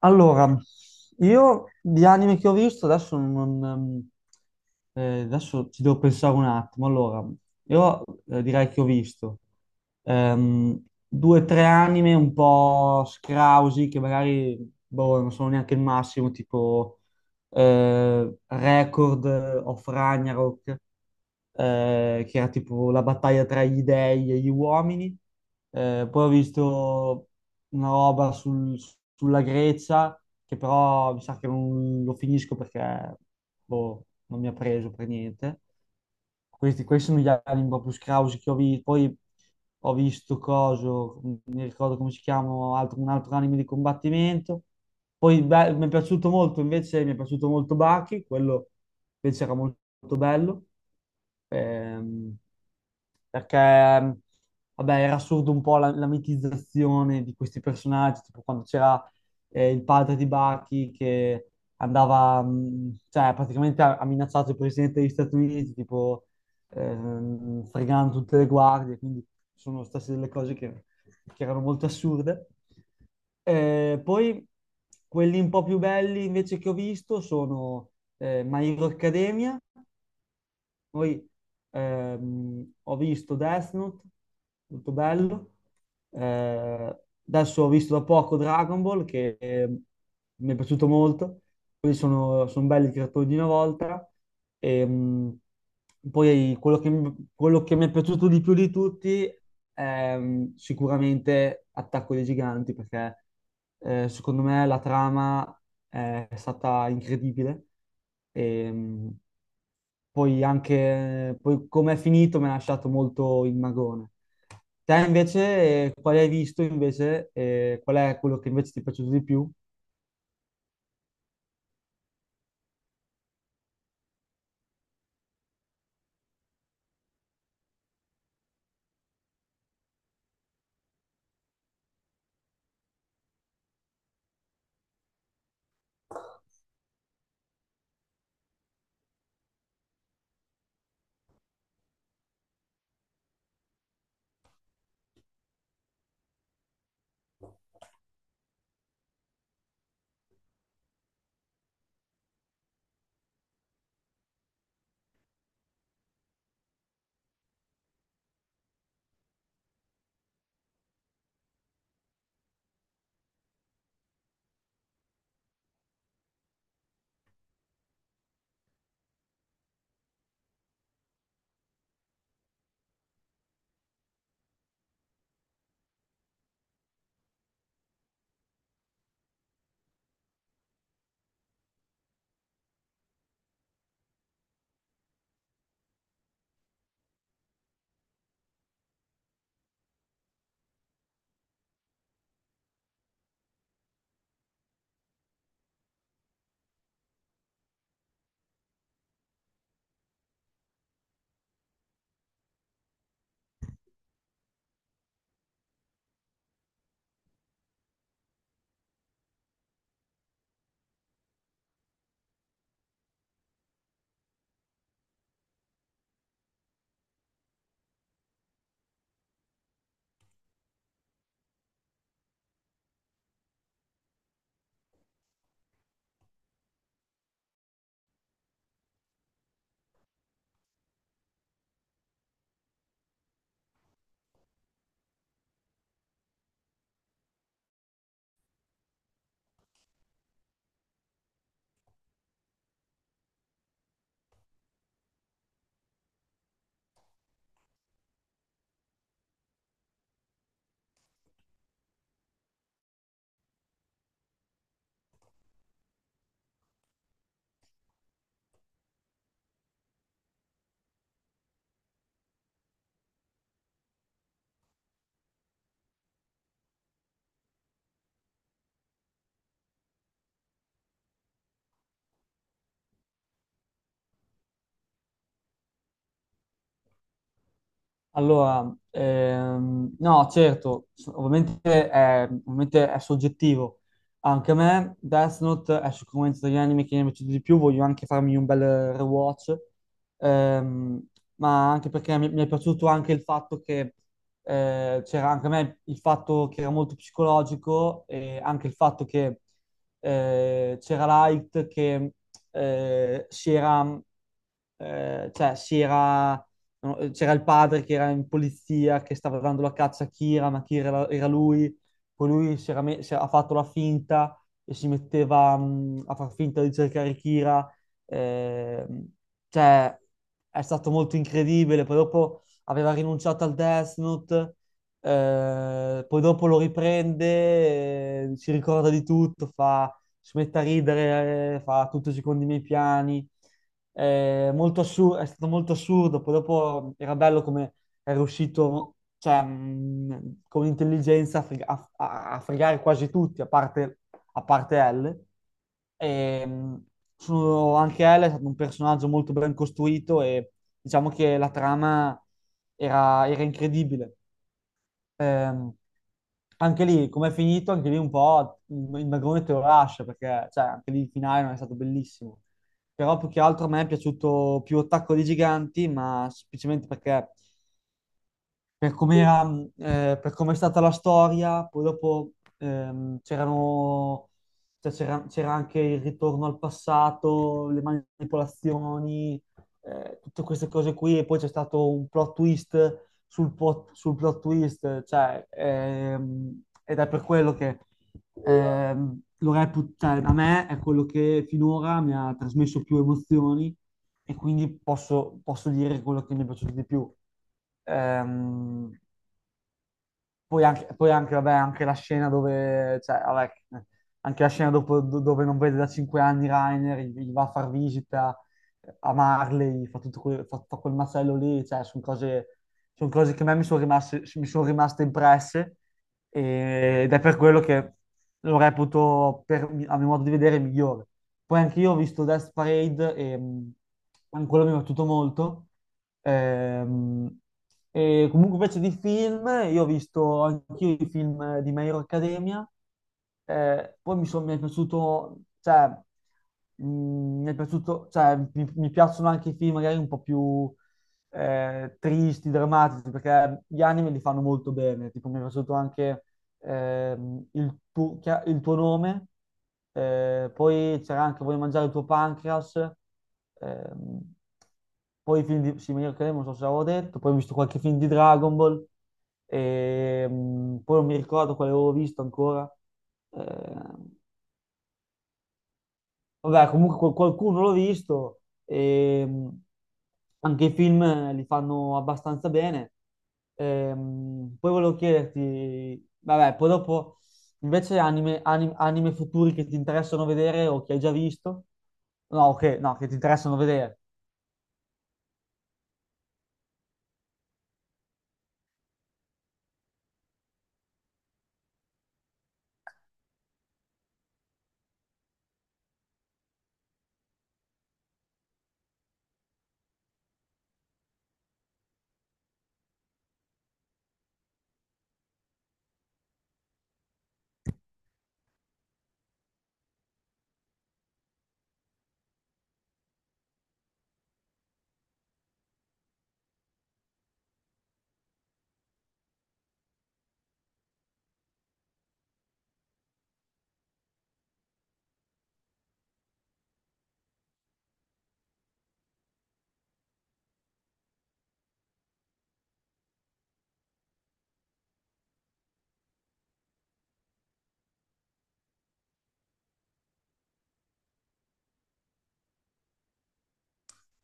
Allora, io di anime che ho visto adesso non... adesso ci devo pensare un attimo. Allora, io direi che ho visto due o tre anime un po' scrausi che magari boh, non sono neanche il massimo, tipo Record of Ragnarok, che era tipo la battaglia tra gli dei e gli uomini. Poi ho visto una sulla Grecia, che però mi sa che non lo finisco perché boh, non mi ha preso per niente. Questi sono gli anime proprio scrausi che ho visto. Poi ho visto coso, non mi ricordo come si chiama, un altro anime di combattimento. Poi beh, mi è piaciuto molto, invece mi è piaciuto molto Baki, quello invece era molto bello, ehm, perché vabbè, era assurdo un po' la mitizzazione di questi personaggi, tipo quando c'era il padre di Bucky che andava, cioè praticamente ha minacciato il presidente degli Stati Uniti, tipo fregando tutte le guardie, quindi sono state delle cose che erano molto assurde. Poi quelli un po' più belli invece che ho visto sono My Hero Academia, poi ho visto Death Note, molto bello. Eh, Adesso ho visto da poco Dragon Ball, che mi è piaciuto molto. Quelli sono belli creatori di una volta. E, mh, Poi quello che, quello che mi è piaciuto di più di tutti è sicuramente Attacco dei Giganti, perché secondo me la trama è stata incredibile. E, mh, Poi anche poi come è finito mi ha lasciato molto il magone. Te invece, quale hai visto invece? Eh, qual è quello che invece ti è piaciuto di più? Allora, no, certo, ovviamente ovviamente è soggettivo. Anche a me Death Note è sicuramente degli anime che mi è piaciuto di più, voglio anche farmi un bel rewatch. Ehm, ma anche perché mi è piaciuto anche il fatto che c'era anche a me il fatto che era molto psicologico, e anche il fatto che c'era Light che si era, cioè, si era no, c'era il padre che era in polizia, che stava dando la caccia a Kira, ma Kira era lui, poi lui si era me- si era- ha fatto la finta e si metteva a far finta di cercare Kira. ehm, cioè, è stato molto incredibile, poi dopo aveva rinunciato al Death Note, poi dopo lo riprende, si ricorda di tutto, fa, si mette a ridere, fa tutto secondo i miei piani. È stato molto assurdo, poi dopo era bello come è riuscito, cioè, con intelligenza a fregare quasi tutti, a parte L. E, mh, Anche L è stato un personaggio molto ben costruito, e diciamo che la trama era incredibile. Ehm, Anche lì, come è finito, anche lì un po' il magone te lo lascia, perché cioè, anche lì il finale non è stato bellissimo. Però più che altro a me è piaciuto più Attacco dei Giganti, ma semplicemente perché per come era, per come è stata la storia. Poi dopo ehm, c'erano, cioè, c'era anche il ritorno al passato, le manipolazioni, tutte queste cose qui, e poi c'è stato un plot twist sul plot twist, cioè, ed è per quello che lo reputo, cioè, a me è quello che finora mi ha trasmesso più emozioni, e quindi posso dire quello che mi è piaciuto di più. Ehm, Poi anche, vabbè, anche la scena dove, cioè, vabbè, anche la dove non vede da cinque anni Rainer, gli va a far visita a Marley, fa tutto quel, fa quel macello lì, cioè, son cose che a me mi son rimaste impresse, ed è per quello che lo reputo, a mio modo di vedere, il migliore. Poi anche io ho visto Death Parade, e anche quello mi è piaciuto molto. Ehm, e comunque invece di film, io ho visto anch'io i film di My Hero Academia. Mi è piaciuto, mi è piaciuto, cioè, mi piacciono anche i film magari un po' più tristi, drammatici, perché gli anime li fanno molto bene, tipo mi è piaciuto anche il il tuo nome, poi c'era anche Voglio mangiare il tuo pancreas. ehm, Poi i film di Simone Cremo, non so se l'avevo detto, poi ho visto qualche film di Dragon Ball, poi non mi ricordo quale avevo visto ancora. Ehm, Vabbè, comunque qualcuno l'ho visto, e anche i film li fanno abbastanza bene. Poi volevo chiederti, vabbè, poi dopo invece anime futuri che ti interessano vedere o che hai già visto? No, ok, no, che ti interessano vedere.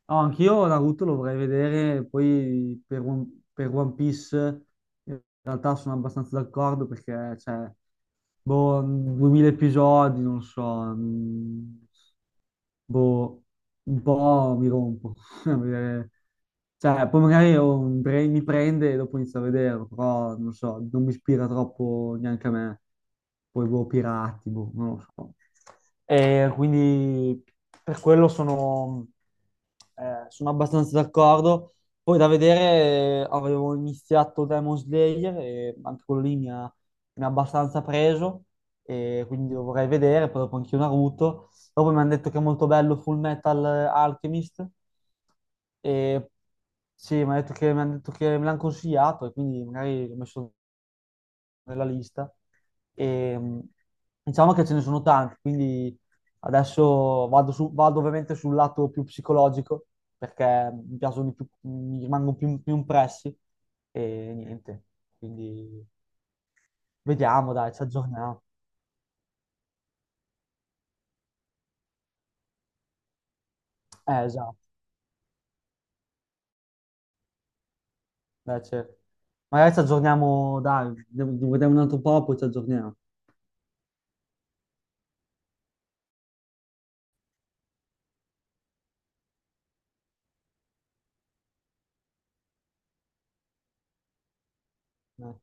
No, anch'io Naruto lo vorrei vedere, poi per One Piece in realtà sono abbastanza d'accordo perché, cioè, boh, 2000 episodi, non so, mm, boh, un po' mi rompo. a vedere- Cioè, poi magari mi prende e dopo inizio a vederlo, però non so, non mi ispira troppo neanche a me. Poi boh, pirati, boh, non lo so. E quindi per quello sono, sono abbastanza d'accordo. Poi da vedere, avevo iniziato Demon Slayer, e anche quello lì mi ha abbastanza preso, e quindi lo vorrei vedere, poi dopo anche io Naruto. Dopo mi hanno detto che è molto bello Full Metal Alchemist. E sì, mi hanno detto che me l'hanno consigliato, e quindi magari l'ho messo nella lista. E, mh, diciamo che ce ne sono tanti, quindi adesso vado ovviamente sul lato più psicologico perché mi piacciono di più, mi più impressi, e niente. Quindi vediamo, dai, ci aggiorniamo. Esatto. Beh, certo. Magari ci aggiorniamo, dai, vediamo un altro po', poi ci aggiorniamo. Dai.